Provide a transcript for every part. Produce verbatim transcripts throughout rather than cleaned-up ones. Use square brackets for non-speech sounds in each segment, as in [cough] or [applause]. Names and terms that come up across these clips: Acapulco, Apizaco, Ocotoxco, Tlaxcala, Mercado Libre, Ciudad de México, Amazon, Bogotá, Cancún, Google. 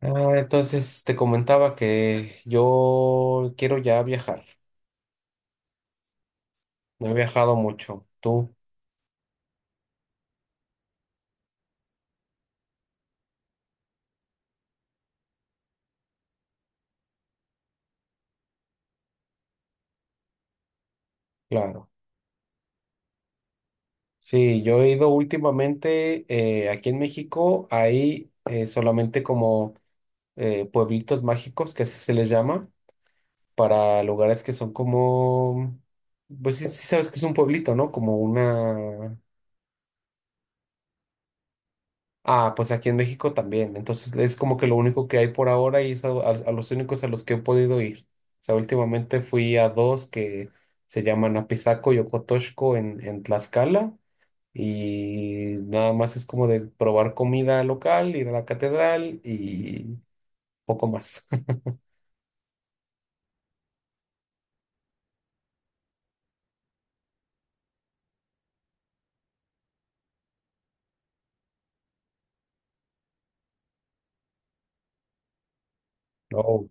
Ah, entonces te comentaba que yo quiero ya viajar. No he viajado mucho. Tú, claro. Sí, yo he ido últimamente eh, aquí en México. Hay eh, solamente como eh, pueblitos mágicos, que así se les llama, para lugares que son como, pues sí, sí sabes que es un pueblito, ¿no? Como una. Ah, pues aquí en México también. Entonces es como que lo único que hay por ahora y es a, a- a los únicos a los que he podido ir. O sea, últimamente fui a dos que se llaman Apizaco y Ocotoxco en, en Tlaxcala y nada más es como de probar comida local, ir a la catedral y poco más. [laughs] No,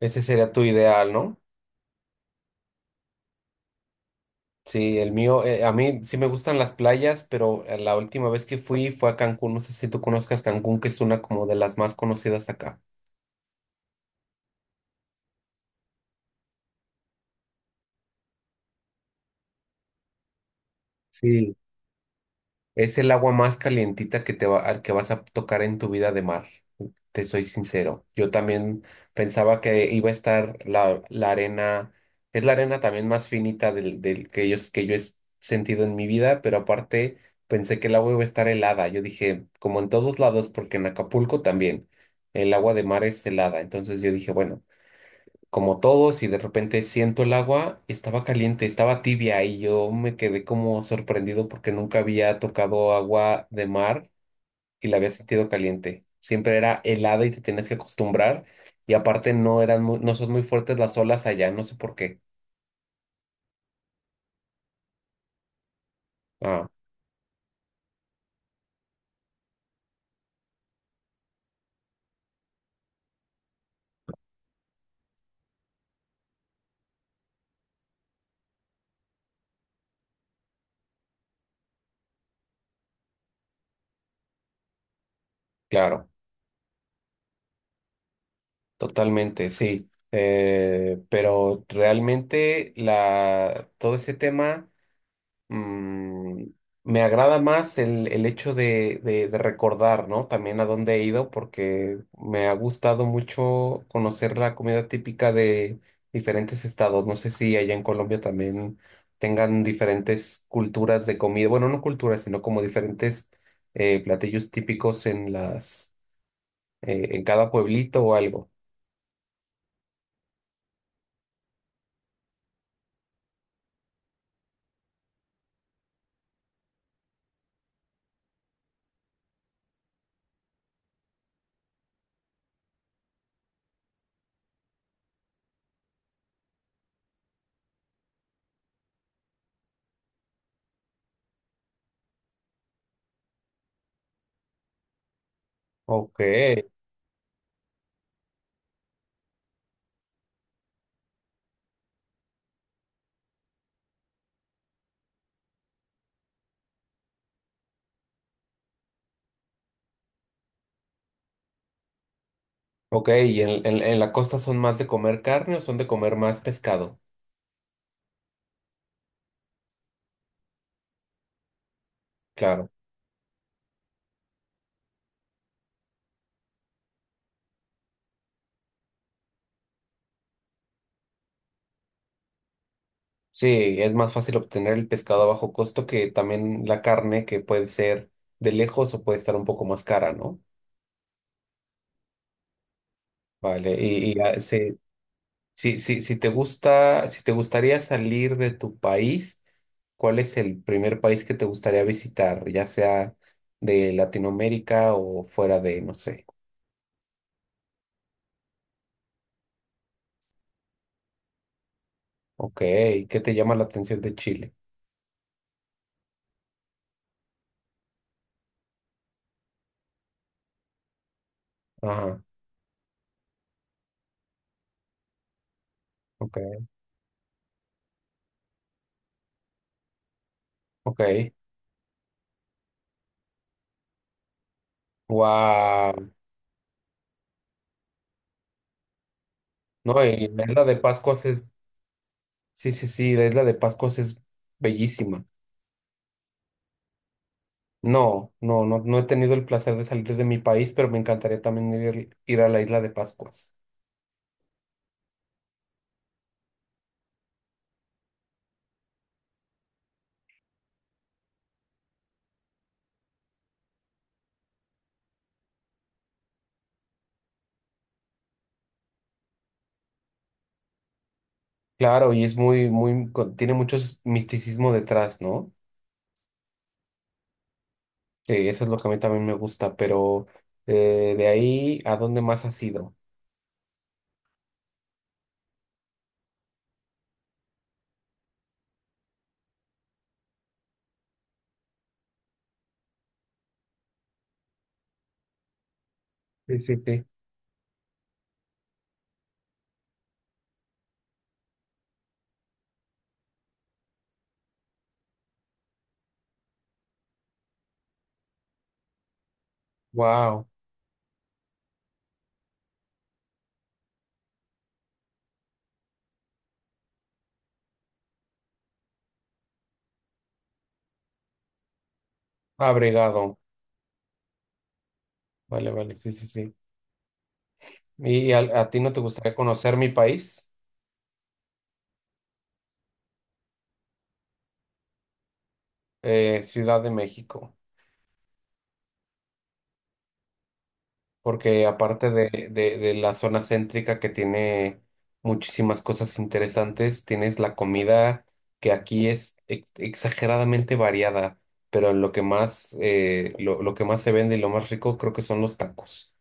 ese sería tu ideal, ¿no? Sí, el mío, eh, a mí sí me gustan las playas, pero eh, la última vez que fui fue a Cancún. No sé si tú conozcas Cancún, que es una como de las más conocidas acá. Sí, es el agua más calientita que te va, al que vas a tocar en tu vida de mar. Te soy sincero. Yo también pensaba que iba a estar la, la arena, es la arena también más finita del, del que yo, que yo he sentido en mi vida, pero aparte pensé que el agua iba a estar helada. Yo dije, como en todos lados, porque en Acapulco también, el agua de mar es helada. Entonces yo dije, bueno, como todos y de repente siento el agua, estaba caliente, estaba tibia y yo me quedé como sorprendido porque nunca había tocado agua de mar y la había sentido caliente. Siempre era helada y te tenías que acostumbrar y aparte no eran muy- no son muy fuertes las olas allá, no sé por qué. Ah, claro, totalmente, sí. Eh, pero realmente la, todo ese tema mm, me agrada más el, el hecho de, de- de recordar, ¿no? También a dónde he ido, porque me ha gustado mucho conocer la comida típica de diferentes estados. No sé si allá en Colombia también tengan diferentes culturas de comida, bueno, no culturas, sino como diferentes eh, platillos típicos en las, eh, en cada pueblito o algo. Ok, ok, ¿y en, en en la costa son más de comer carne o son de comer más pescado? Claro. Sí, es más fácil obtener el pescado a bajo costo que también la carne, que puede ser de lejos o puede estar un poco más cara, ¿no? Vale, y, y, ah, sí, sí, sí, si te gusta, si te gustaría salir de tu país, ¿cuál es el primer país que te gustaría visitar, ya sea de Latinoamérica o fuera de, no sé? Ok, ¿qué te llama la atención de Chile? Ajá, ok, ok, wow. No, y en la isla de Pascua es. Sí, sí, sí, la isla de Pascuas es bellísima. No, no, no, no he tenido el placer de salir de mi país, pero me encantaría también ir, ir a la isla de Pascuas. Claro, y es muy, muy, co- tiene mucho s- misticismo detrás, ¿no? Que eso es lo que a mí también me gusta, pero eh, de ahí, ¿a dónde más has ido? Sí, sí, sí. Wow, abrigado. Vale, vale, sí, sí, sí. ¿Y a, a ti no te gustaría conocer mi país? Eh, Ciudad de México. Porque aparte de, de, de la zona céntrica que tiene muchísimas cosas interesantes, tienes la comida que aquí es ex- exageradamente variada, pero lo que más, eh, lo, lo que más se vende y lo más rico creo que son los tacos.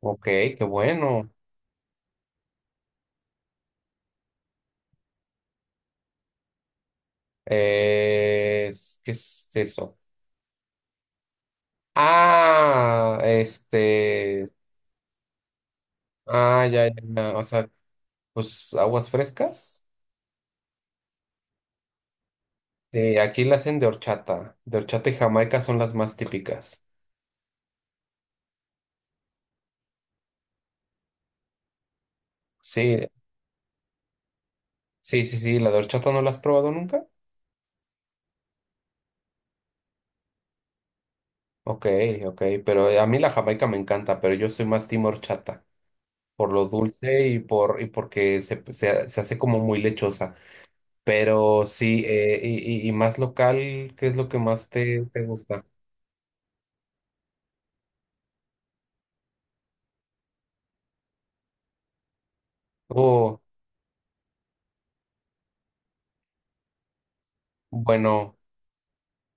Ok, qué bueno. Eh, es- ¿qué es eso? Ah, este, ah, ya, ya, ya, o sea, pues aguas frescas. Sí, aquí la hacen de horchata. De horchata y jamaica son las más típicas. Sí, sí, sí, sí, la de horchata no la has probado nunca. Ok, ok, pero a mí la jamaica me encanta, pero yo soy más team horchata, por lo dulce y por y porque se, se, se hace como muy lechosa. Pero sí, eh, y, y- y más local, ¿qué es lo que más te, te gusta? Oh, bueno,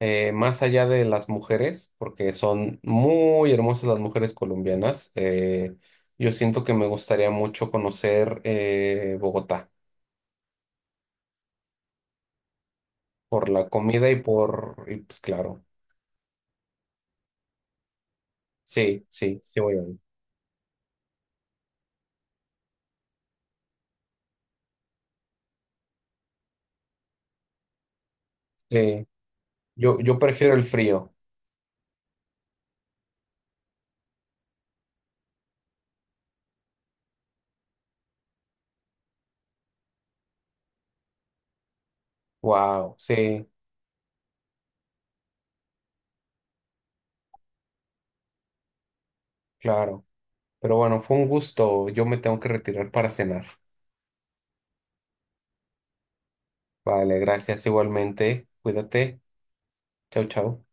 eh, más allá de las mujeres, porque son muy hermosas las mujeres colombianas, eh, yo siento que me gustaría mucho conocer eh, Bogotá. Por la comida y por, y pues claro, sí, sí, sí voy a ir. Sí, yo, yo prefiero el frío. Wow, sí, claro. Pero bueno, fue un gusto. Yo me tengo que retirar para cenar. Vale, gracias igualmente. Cuídate. Chau, chau.